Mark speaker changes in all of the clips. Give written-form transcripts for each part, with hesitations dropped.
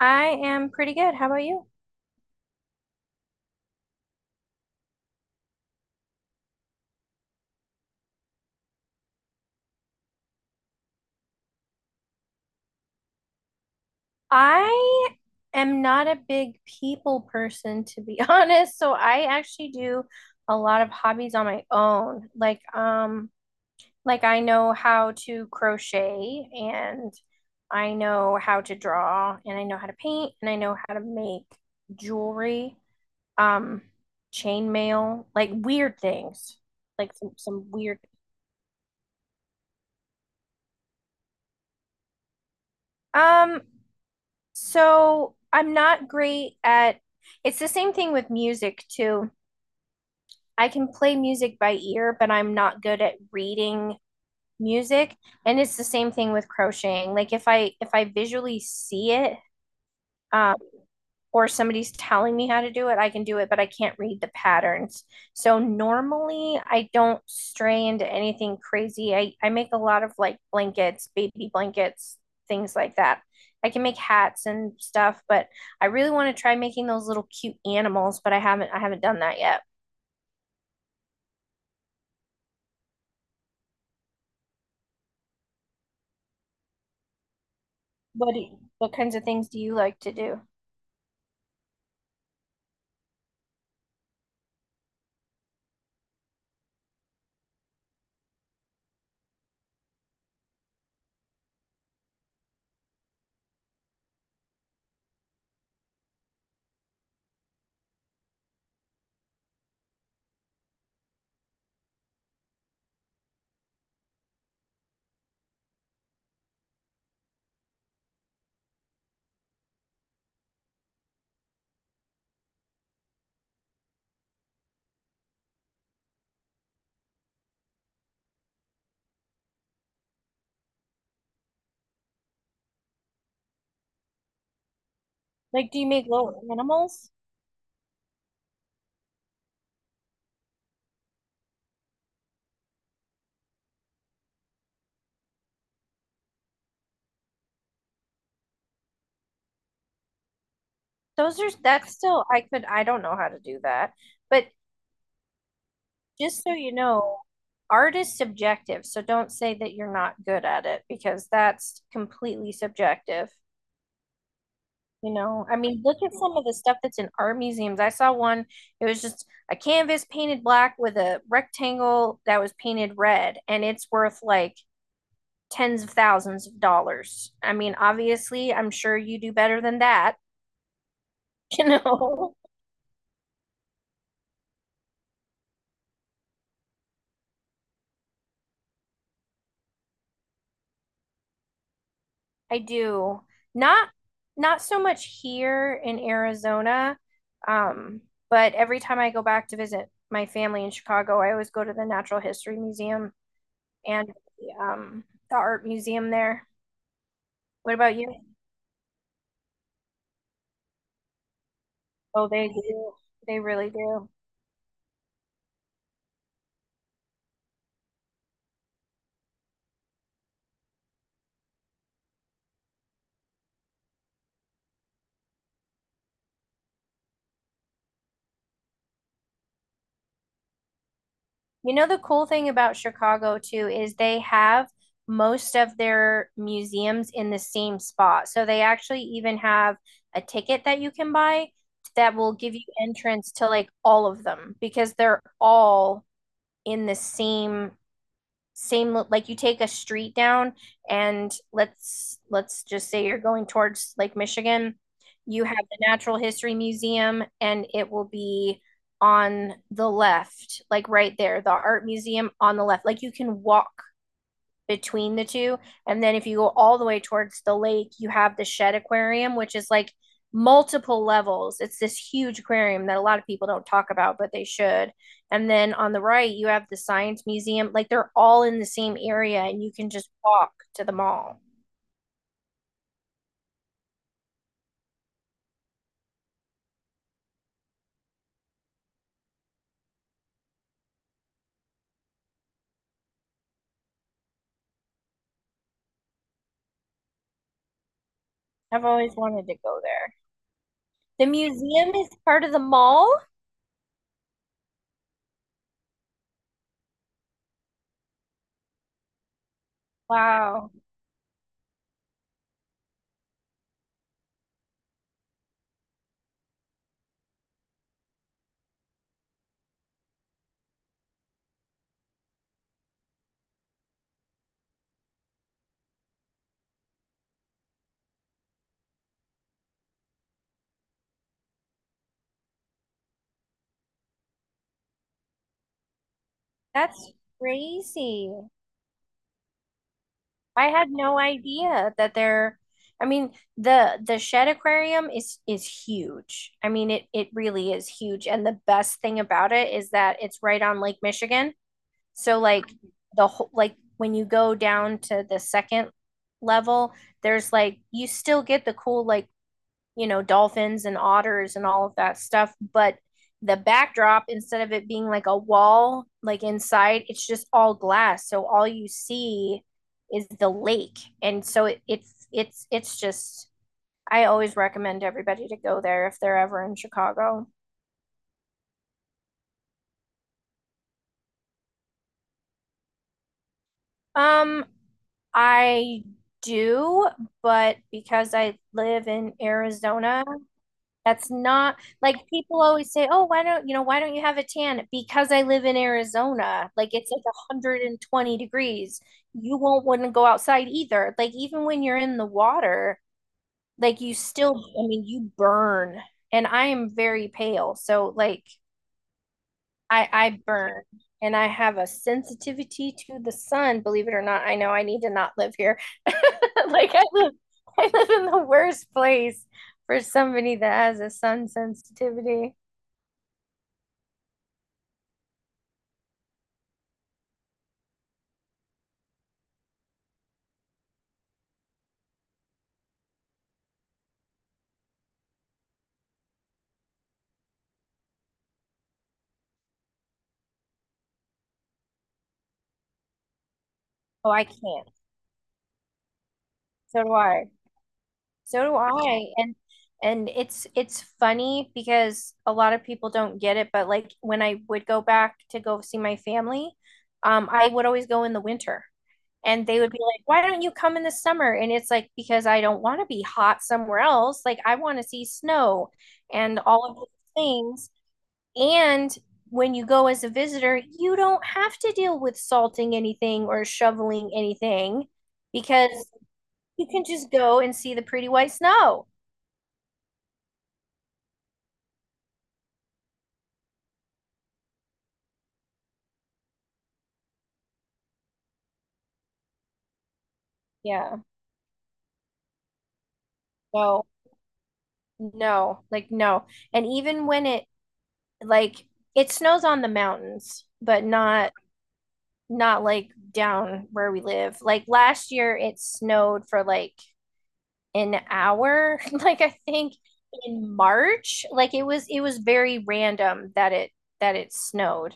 Speaker 1: I am pretty good. How about you? I am not a big people person, to be honest. So I actually do a lot of hobbies on my own. Like I know how to crochet and I know how to draw and I know how to paint and I know how to make jewelry, um, chain mail, like weird things, like some weird. Um, So I'm not great at it's the same thing with music too. I can play music by ear, but I'm not good at reading music. And it's the same thing with crocheting. Like if I visually see it, um, or somebody's telling me how to do it, I can do it, but I can't read the patterns. So normally I don't stray into anything crazy. I make a lot of like blankets, baby blankets, things like that. I can make hats and stuff, but I really want to try making those little cute animals, but I haven't done that yet. What kinds of things do you like to do? Like do you make little animals? Those are that's still I could I don't know how to do that. But just so you know, art is subjective, so don't say that you're not good at it because that's completely subjective. You know, I mean, look at some of the stuff that's in art museums. I saw one, it was just a canvas painted black with a rectangle that was painted red, and it's worth like tens of thousands of dollars. I mean, obviously, I'm sure you do better than that, you know. I do. Not not so much here in Arizona, um, but every time I go back to visit my family in Chicago, I always go to the Natural History Museum and the, um, the art museum there. What about you? Oh, they do. They really do. You know, the cool thing about Chicago too is they have most of their museums in the same spot. So they actually even have a ticket that you can buy that will give you entrance to like all of them because they're all in the same same like you take a street down and let's just say you're going towards Lake Michigan, you have the Natural History Museum and it will be on the left, like right there, the art museum on the left. Like you can walk between the two. And then if you go all the way towards the lake, you have the shed aquarium, which is like multiple levels. It's this huge aquarium that a lot of people don't talk about, but they should. And then on the right, you have the science museum. Like they're all in the same area and you can just walk to the mall. I've always wanted to go there. The museum is part of the mall? Wow. That's crazy. I had no idea that they're I mean the shed aquarium is huge. I mean it really is huge and the best thing about it is that it's right on Lake Michigan. So like the whole like when you go down to the second level, there's like you still get the cool like you know, dolphins and otters and all of that stuff. But the backdrop, instead of it being like a wall, like inside, it's just all glass. So all you see is the lake. And so it, it's just, I always recommend everybody to go there if they're ever in Chicago. Um, I do, but because I live in Arizona. That's not like people always say, "Oh, why don't you know why don't you have a tan?" Because I live in Arizona, like it's like 120 degrees. You won't wouldn't go outside either. Like even when you're in the water, like you still, I mean, you burn. And I am very pale, so like I burn and I have a sensitivity to the sun. Believe it or not, I know I need to not live here. Like I live, I live in the worst place for somebody that has a sun sensitivity. Oh, I can't. So do I. So do I. And it's funny because a lot of people don't get it, but like when I would go back to go see my family, I would always go in the winter. And they would be like, "Why don't you come in the summer?" And it's like because I don't want to be hot somewhere else. Like I want to see snow and all of those things. And when you go as a visitor, you don't have to deal with salting anything or shoveling anything because you can just go and see the pretty white snow. Yeah. No, no, no. And even when it like it snows on the mountains, but not not like down where we live. Like last year it snowed for like an hour, like I think in March. Like it was very random that it snowed.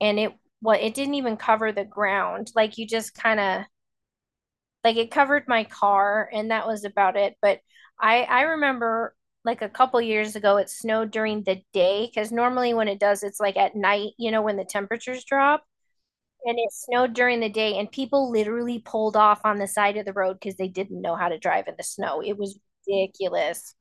Speaker 1: And it what it didn't even cover the ground. Like you just kind of like it covered my car, and that was about it. But I remember like a couple years ago, it snowed during the day because normally when it does, it's like at night, you know, when the temperatures drop. And it snowed during the day, and people literally pulled off on the side of the road because they didn't know how to drive in the snow. It was ridiculous.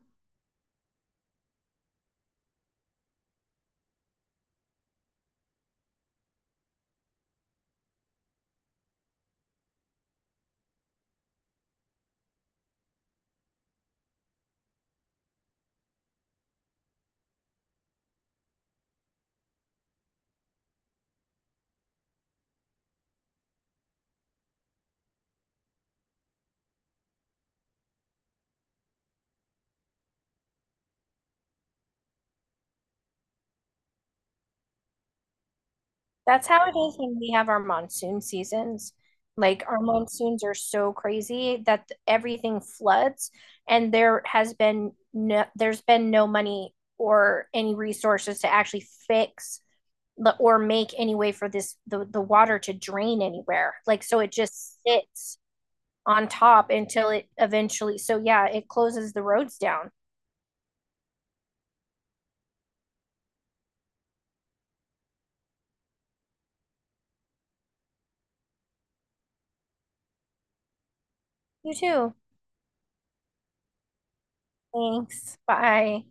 Speaker 1: That's how it is when we have our monsoon seasons. Like our monsoons are so crazy that everything floods, and there's been no money or any resources to actually fix or make any way for the water to drain anywhere. Like so it just sits on top until it eventually so yeah, it closes the roads down. You too. Thanks. Bye.